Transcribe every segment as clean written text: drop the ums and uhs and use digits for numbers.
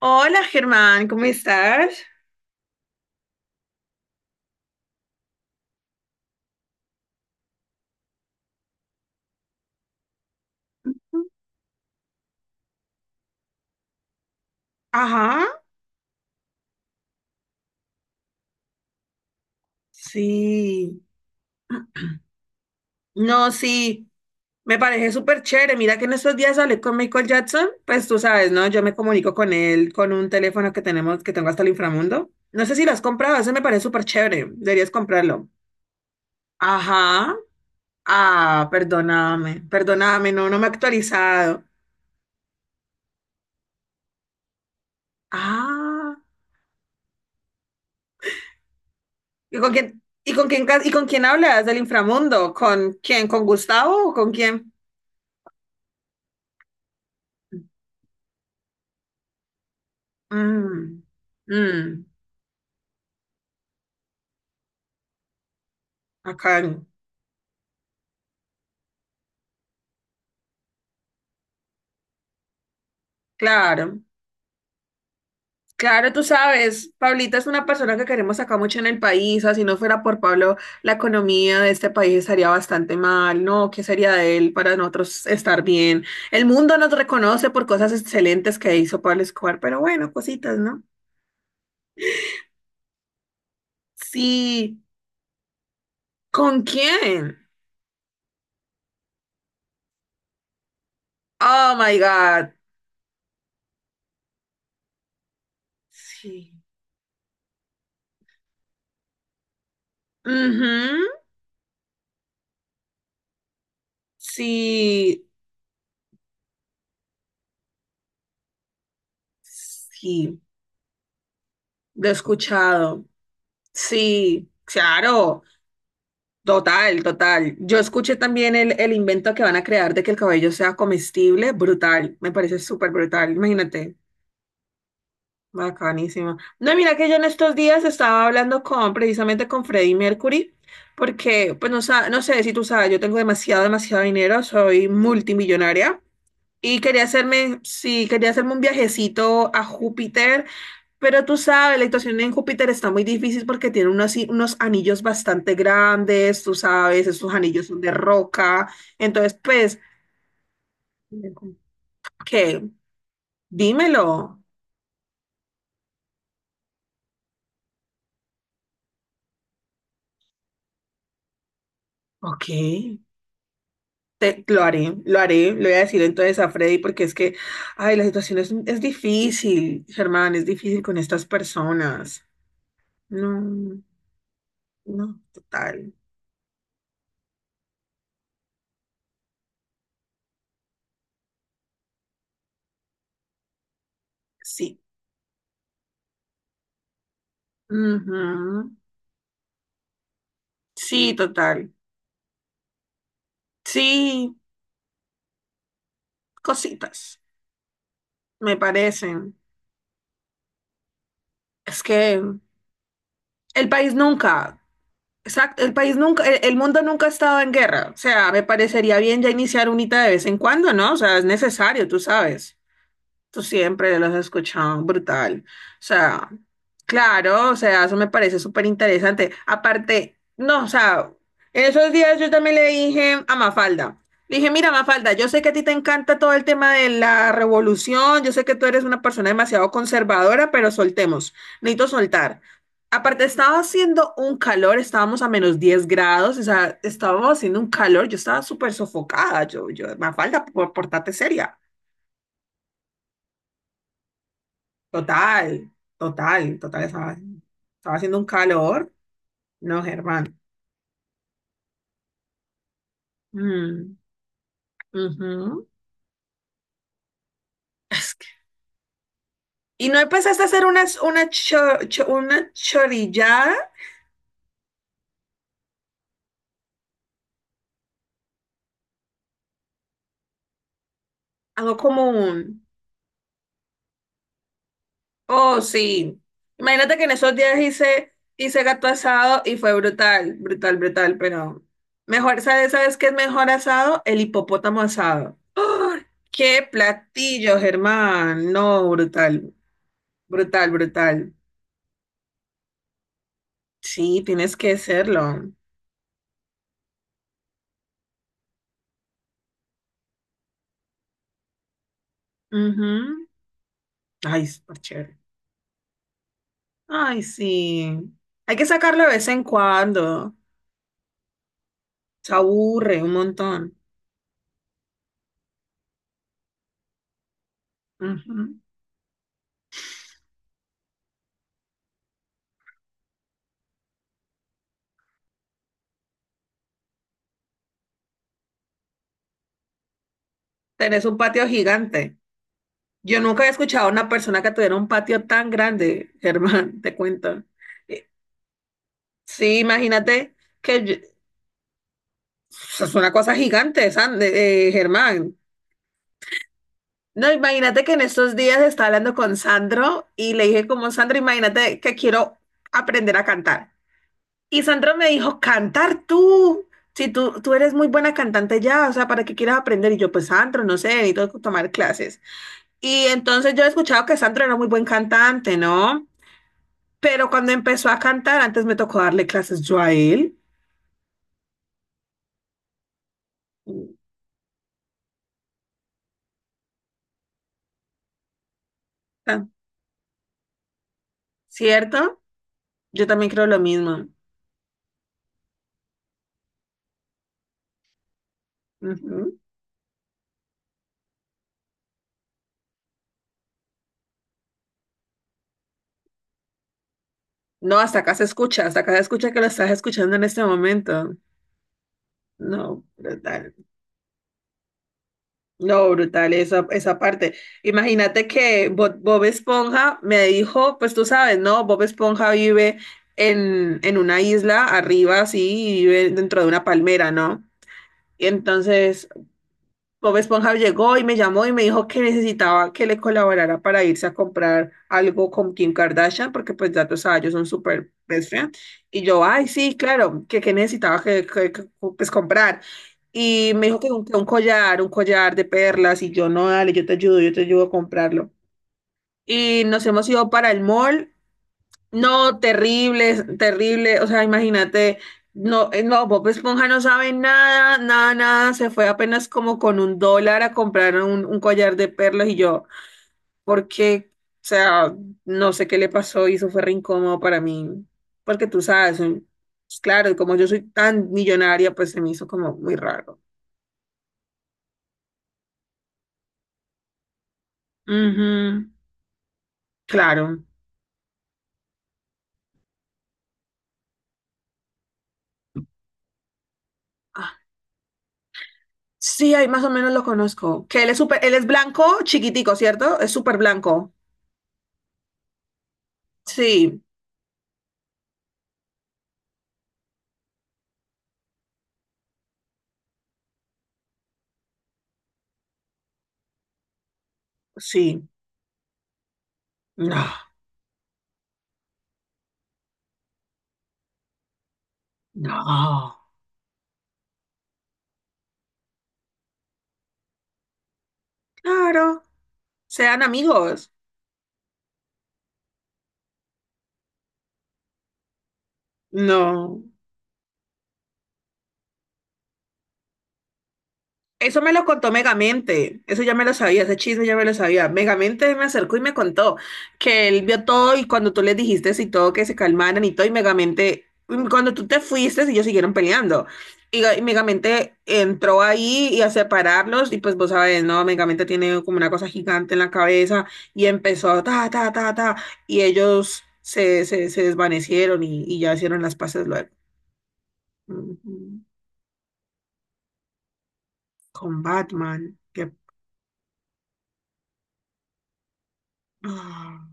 Hola Germán, ¿cómo estás? Ajá, sí. No, sí, me parece súper chévere. Mira que en estos días hablé con Michael Jackson, pues tú sabes, ¿no? Yo me comunico con él con un teléfono que tenemos, que tengo hasta el inframundo. No sé si lo has comprado, ese me parece súper chévere. Deberías comprarlo. Ajá. Ah, perdóname, perdóname, no, no me he actualizado. Ah, y con quién, ca- y con quién hablas del inframundo? ¿Con quién? ¿Con Gustavo o con quién? Mm, mm, acá, no. Claro, claro, tú sabes, Pablita es una persona que queremos acá mucho en el país, así no fuera por Pablo, la economía de este país estaría bastante mal, ¿no? ¿Qué sería de él para nosotros estar bien? El mundo nos reconoce por cosas excelentes que hizo Pablo Escobar, pero bueno, cositas, ¿no? Sí, ¿con quién? Oh my God, sí. Ujú. Sí, sí, lo he escuchado. Sí, claro, total, total. Yo escuché también el invento que van a crear de que el cabello sea comestible, brutal, me parece súper brutal, imagínate, bacanísimo. No, mira que yo en estos días estaba hablando con, precisamente con Freddie Mercury, porque, pues no, no sé si tú sabes, yo tengo demasiado, demasiado dinero, soy multimillonaria. Y quería hacerme, sí, quería hacerme un viajecito a Júpiter, pero tú sabes, la situación en Júpiter está muy difícil porque tiene unos anillos bastante grandes, tú sabes, esos anillos son de roca. Entonces, pues, ¿qué? Dímelo. Ok, lo haré, le voy a decir entonces a Freddy porque es que, ay, la situación es difícil, Germán, es difícil con estas personas. No, no, total, sí. Ujú. Sí, total. Sí, cositas, me parecen. Es que el país nunca, exacto, el país nunca, el mundo nunca ha estado en guerra. O sea, me parecería bien ya iniciar unita de vez en cuando, ¿no? O sea, es necesario, tú sabes. Tú siempre los has escuchado, brutal. O sea, claro, o sea, eso me parece súper interesante. Aparte, no, o sea, en esos días yo también le dije a Mafalda, le dije, mira, Mafalda, yo sé que a ti te encanta todo el tema de la revolución, yo sé que tú eres una persona demasiado conservadora, pero soltemos, necesito soltar. Aparte, estaba haciendo un calor, estábamos a -10 grados, o sea, estábamos haciendo un calor, yo estaba súper sofocada, yo, Mafalda, portate seria. Total, total, total. Estaba haciendo un calor. No, Germán. Mm, ujú. Es que- ¿Y no empezaste a hacer una chorillada? Algo como un. Oh, sí. Imagínate que en esos días hice gato asado y fue brutal, brutal, brutal, pero mejor, ¿sabes qué es mejor asado? El hipopótamo asado. ¡Ah! ¡Qué platillo, Germán! No, brutal, brutal, brutal. Sí, tienes que hacerlo. Ujú. Ay, súper chévere. Ay, sí. Hay que sacarlo de vez en cuando. Se aburre un montón. Ujú. Tenés un patio gigante. Yo nunca había escuchado a una persona que tuviera un patio tan grande, Germán, te cuento. Eh, Sí, imagínate que eso es una cosa gigante, Germán. No, imagínate que en estos días estaba hablando con Sandro y le dije como, Sandro, imagínate que quiero aprender a cantar. Y Sandra me dijo, cantar tú, si tú eres muy buena cantante ya, o sea, ¿para qué quieres aprender? Y yo, pues Sandra, no sé, necesito tomar clases. Y entonces yo he escuchado que Sandra era muy buen cantante, ¿no? Pero cuando empezó a cantar, antes me tocó darle clases yo a él. Ah, ¿cierto? Yo también creo lo mismo. Ujú. No, hasta acá se escucha, hasta acá se escucha que lo estás escuchando en este momento. No, brutal. No, brutal esa parte. Imagínate que Bob Esponja me dijo, pues tú sabes, ¿no? Bob Esponja vive en una isla arriba, así, y vive dentro de una palmera, ¿no? Y entonces Bob Esponja llegó y me llamó y me dijo que necesitaba que le colaborara para irse a comprar algo con Kim Kardashian, porque pues ya tú sabes, ellos son súper best friend. Y yo, ay, sí, claro, que necesitaba que, pues comprar. Y me dijo que un collar, un collar de perlas, y yo, no, dale, yo te ayudo a comprarlo. Y nos hemos ido para el mall, no, terrible, terrible. O sea, imagínate, no, no, Bob Esponja no sabe nada, nada, nada. Se fue apenas como con $1 a comprar un collar de perlas y yo, porque, o sea, no sé qué le pasó y eso fue re incómodo para mí. Porque tú sabes, pues, claro, y como yo soy tan millonaria, pues se me hizo como muy raro. Ujú, claro. Ah, sí, ahí más o menos lo conozco. Que él es súper, él es blanco, chiquitico, ¿cierto? Es súper blanco. Sí, sí. No, no, claro, sean amigos. No. Eso me lo contó Megamente, eso ya me lo sabía, ese chisme ya me lo sabía. Megamente me acercó y me contó que él vio todo y cuando tú le dijiste y todo que se calmaran y todo, y Megamente, cuando tú te fuiste, ellos siguieron peleando. Y Megamente entró ahí y a separarlos y pues vos sabes, ¿no? Megamente tiene como una cosa gigante en la cabeza y empezó ta, ta, ta, ta, y ellos se desvanecieron y ya hicieron las paces luego. Ujú. Con Batman, que, ah.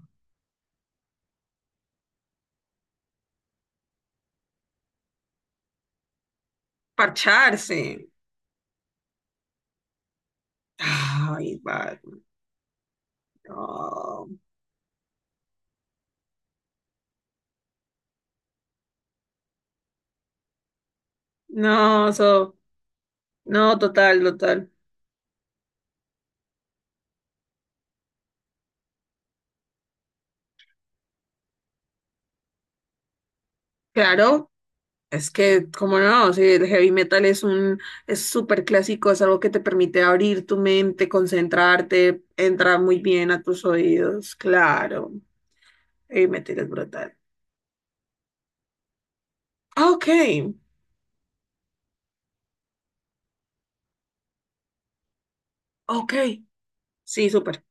Parcharse. Ay, va, no. No, so, no, total, total. Claro, es que, como no, si el heavy metal es súper clásico, es algo que te permite abrir tu mente, concentrarte, entra muy bien a tus oídos. Claro, heavy metal es brutal. Ok, ok, sí, súper.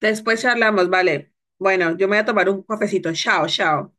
Después charlamos, vale. Bueno, yo me voy a tomar un cafecito. Chao, chao.